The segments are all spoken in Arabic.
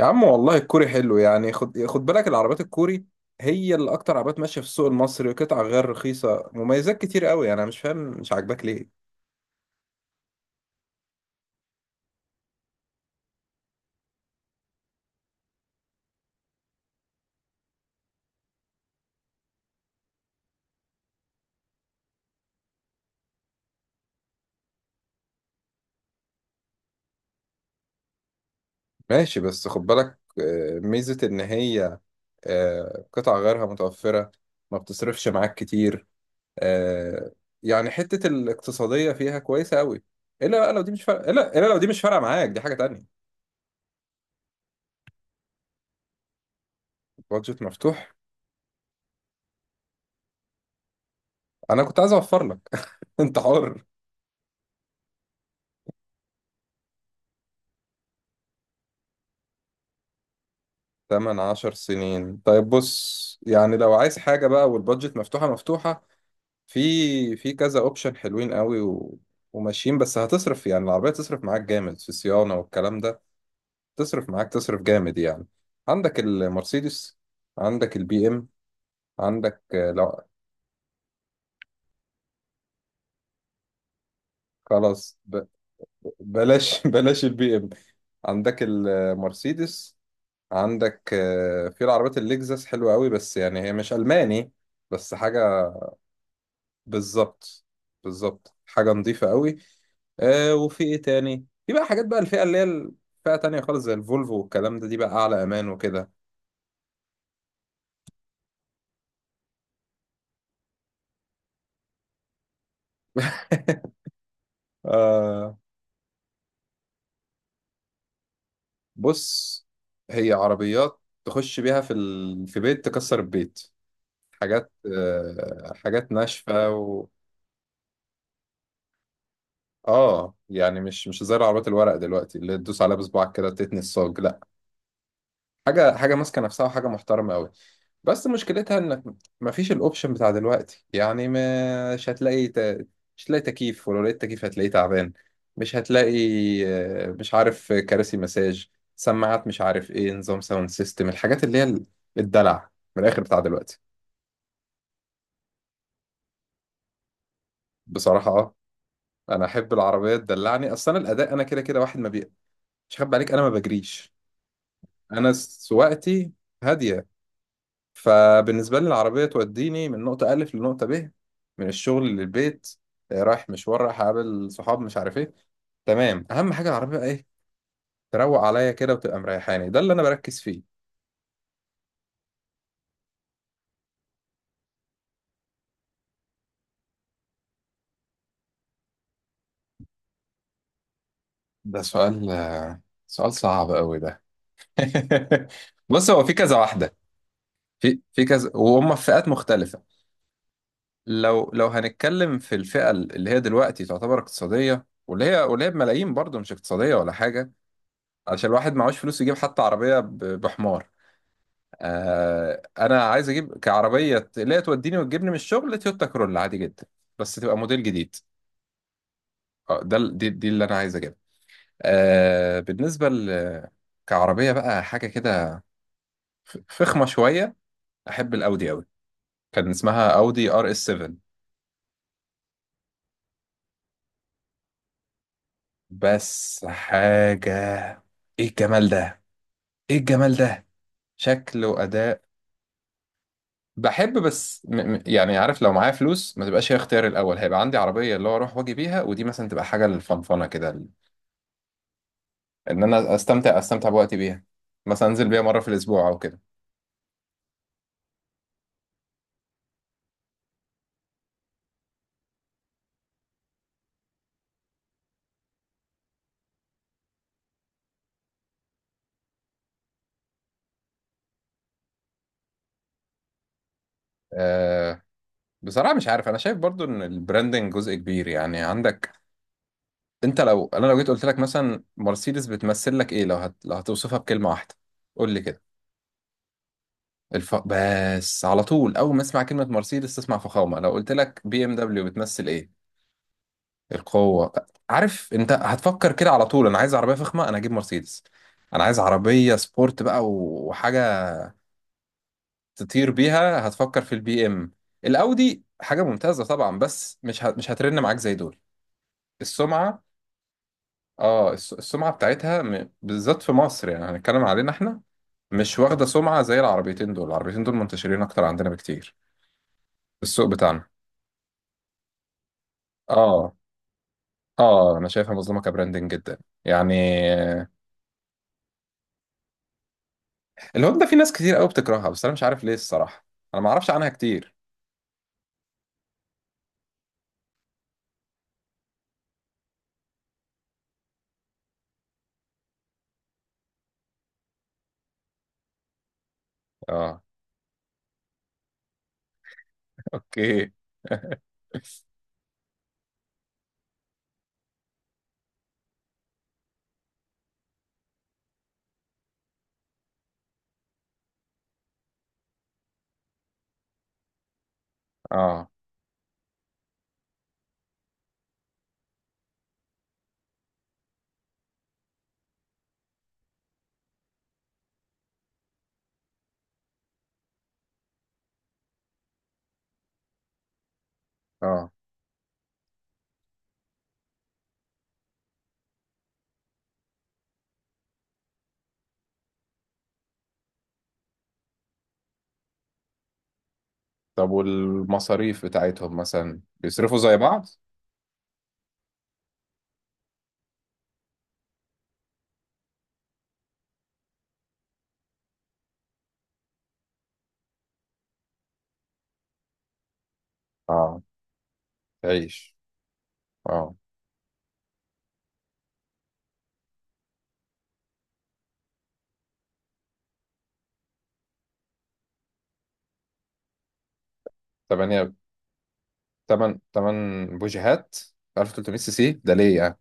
يا عم والله الكوري حلو يعني خد خد بالك العربيات الكوري هي اللي اكتر عربيات ماشيه في السوق المصري، قطع غير رخيصه، مميزات كتير قوي. انا مش فاهم، مش عاجباك ليه؟ ماشي بس خد بالك. ميزه ان هي قطع غيرها متوفره، ما بتصرفش معاك كتير. آه، يعني حته الاقتصاديه فيها كويسه قوي. الا بقى لو دي مش فارقه، الا لو دي مش فارقه معاك دي حاجه تانية. بادجت مفتوح. انا كنت عايز اوفر لك. انت حر. تمن عشر سنين؟ طيب بص يعني لو عايز حاجة بقى والبادجت مفتوحة مفتوحة، في كذا اوبشن حلوين قوي وماشيين، بس هتصرف. يعني العربية تصرف معاك جامد في صيانة والكلام ده، تصرف معاك، تصرف جامد يعني. عندك المرسيدس، عندك البي ام، عندك لا. خلاص بلاش. بلاش البي ام. عندك المرسيدس، عندك في العربيات اللكزس حلوة قوي، بس يعني هي مش ألماني، بس حاجة. بالظبط، بالظبط حاجة نظيفة قوي. آه وفي ايه تاني؟ في بقى حاجات بقى، الفئة اللي هي الفئة تانية خالص زي الفولفو والكلام ده، دي بقى أعلى أمان وكده. آه. بص هي عربيات تخش بيها في في بيت تكسر البيت، حاجات، آه، حاجات ناشفة اه يعني مش زي العربيات الورق دلوقتي اللي تدوس عليها بصباعك كده تتني الصاج، لا، حاجه حاجه ماسكه نفسها، وحاجه محترمه قوي. بس مشكلتها انك مفيش الاوبشن بتاع دلوقتي يعني. مش هتلاقي مش هتلاقي تكييف، ولو لقيت تكييف هتلاقيه تعبان. مش هتلاقي مش عارف، كراسي مساج، سماعات، مش عارف ايه، نظام ساوند سيستم، الحاجات اللي هي الدلع من الاخر بتاع دلوقتي. بصراحه اه، انا احب العربيه تدلعني. اصلا الاداء انا كده كده واحد ما بي. مش هخبي عليك، انا ما بجريش. انا سواقتي هاديه. فبالنسبة لي العربية توديني من نقطة ألف لنقطة ب، من الشغل للبيت، رايح مشوار، رايح أقابل صحاب، مش عارف إيه. تمام، أهم حاجة العربية بقى إيه؟ تروق عليا كده وتبقى مريحاني. ده اللي أنا بركز فيه. ده سؤال سؤال صعب قوي ده. بص هو في كذا واحدة، في كذا وهم في فئات مختلفة. لو هنتكلم في الفئة اللي هي دلوقتي تعتبر اقتصادية، واللي هي بملايين برضه، مش اقتصادية ولا حاجة، علشان الواحد معهوش فلوس يجيب حتى عربية بحمار. آه انا عايز اجيب كعربيه اللي هي توديني وتجيبني من الشغل، تويوتا كرولا عادي جدا، بس تبقى موديل جديد. اه، ده دي اللي انا عايز اجيبها. آه بالنسبه ل كعربيه بقى حاجه كده، فخمه شويه، احب الاودي قوي، كان اسمها اودي ار اس 7، بس حاجه، ايه الجمال ده، ايه الجمال ده. شكل واداء. بحب بس م م يعني عارف، لو معايا فلوس ما تبقاش هي اختياري الاول. هيبقى عندي عربيه اللي هو اروح واجي بيها، ودي مثلا تبقى حاجه للفنفنه كده. ان انا استمتع استمتع بوقتي بيها، مثلا انزل بيها مره في الاسبوع او كده. أه بصراحه مش عارف، انا شايف برضو ان البراندنج جزء كبير. يعني عندك، انت لو انا لو جيت قلت لك مثلا مرسيدس بتمثل لك ايه؟ لو لو هتوصفها بكلمه واحده، قول لي كده. بس على طول، اول ما اسمع كلمه مرسيدس تسمع فخامه. لو قلت لك بي ام دبليو بتمثل ايه؟ القوه. عارف انت هتفكر كده على طول، انا عايز عربيه فخمه، انا هجيب مرسيدس. انا عايز عربيه سبورت بقى وحاجه تطير بيها، هتفكر في البي ام. الاودي حاجه ممتازه طبعا، بس مش هترن معاك زي دول. السمعه، اه السمعه بتاعتها بالذات في مصر، يعني هنتكلم علينا احنا، مش واخده سمعه زي العربيتين دول. العربيتين دول منتشرين اكتر عندنا بكتير في السوق بتاعنا. اه. اه انا شايفها مظلومه كبراندنج جدا يعني. الهوندا في ناس كتير قوي بتكرهها، بس انا مش عارف ليه الصراحه. انا ما اعرفش عنها كتير. اه. اوكي. اه، اه. طب والمصاريف بتاعتهم مثلا بيصرفوا زي بعض؟ اه تعيش اه. تمانية. تمن بوجيهات. 1300 سي سي ده ليه يعني؟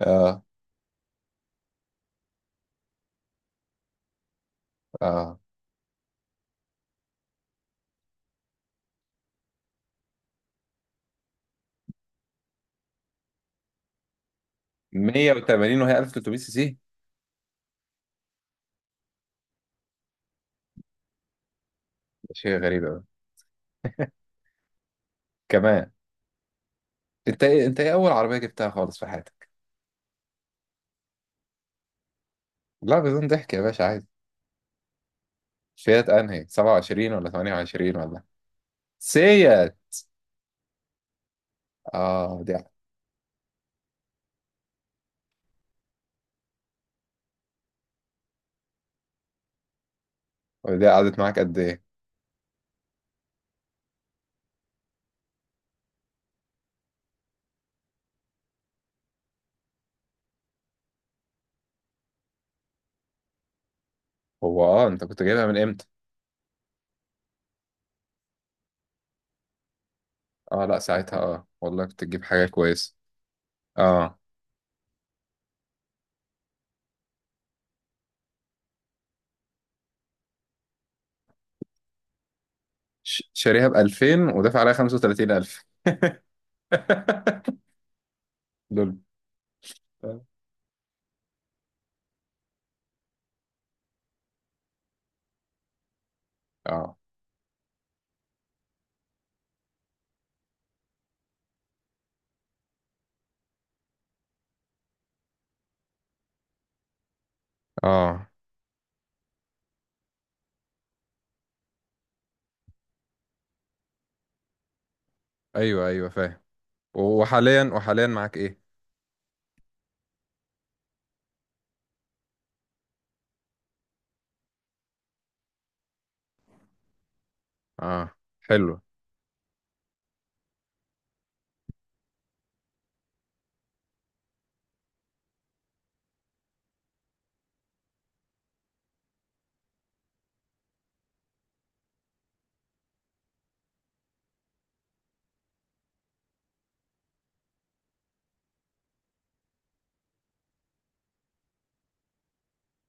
اه، اه. 180 وهي 1300 سي سي؟ ده شيء غريب أوي كمان. انت ايه اول عربية جبتها خالص في حياتك؟ لا بدون ضحك يا باشا عادي. فيات انهي 27 ولا 28 ولا؟ سيات. اه دي. دي قعدت معاك قد ايه؟ هو اه انت كنت جايبها من امتى؟ اه لا، ساعتها اه والله كنت تجيب حاجة كويسة. اه. شاريها ب 2000 ودافع عليها 35,000؟ دول. اه، اه، ايوه، ايوه فاهم. وحاليا معاك ايه؟ اه حلو.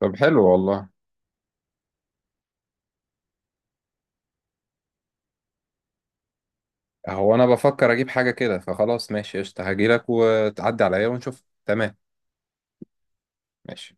طب حلو والله. هو انا بفكر اجيب حاجه كده، فخلاص ماشي قشطه، هجيلك وتعدي عليا ونشوف. تمام ماشي.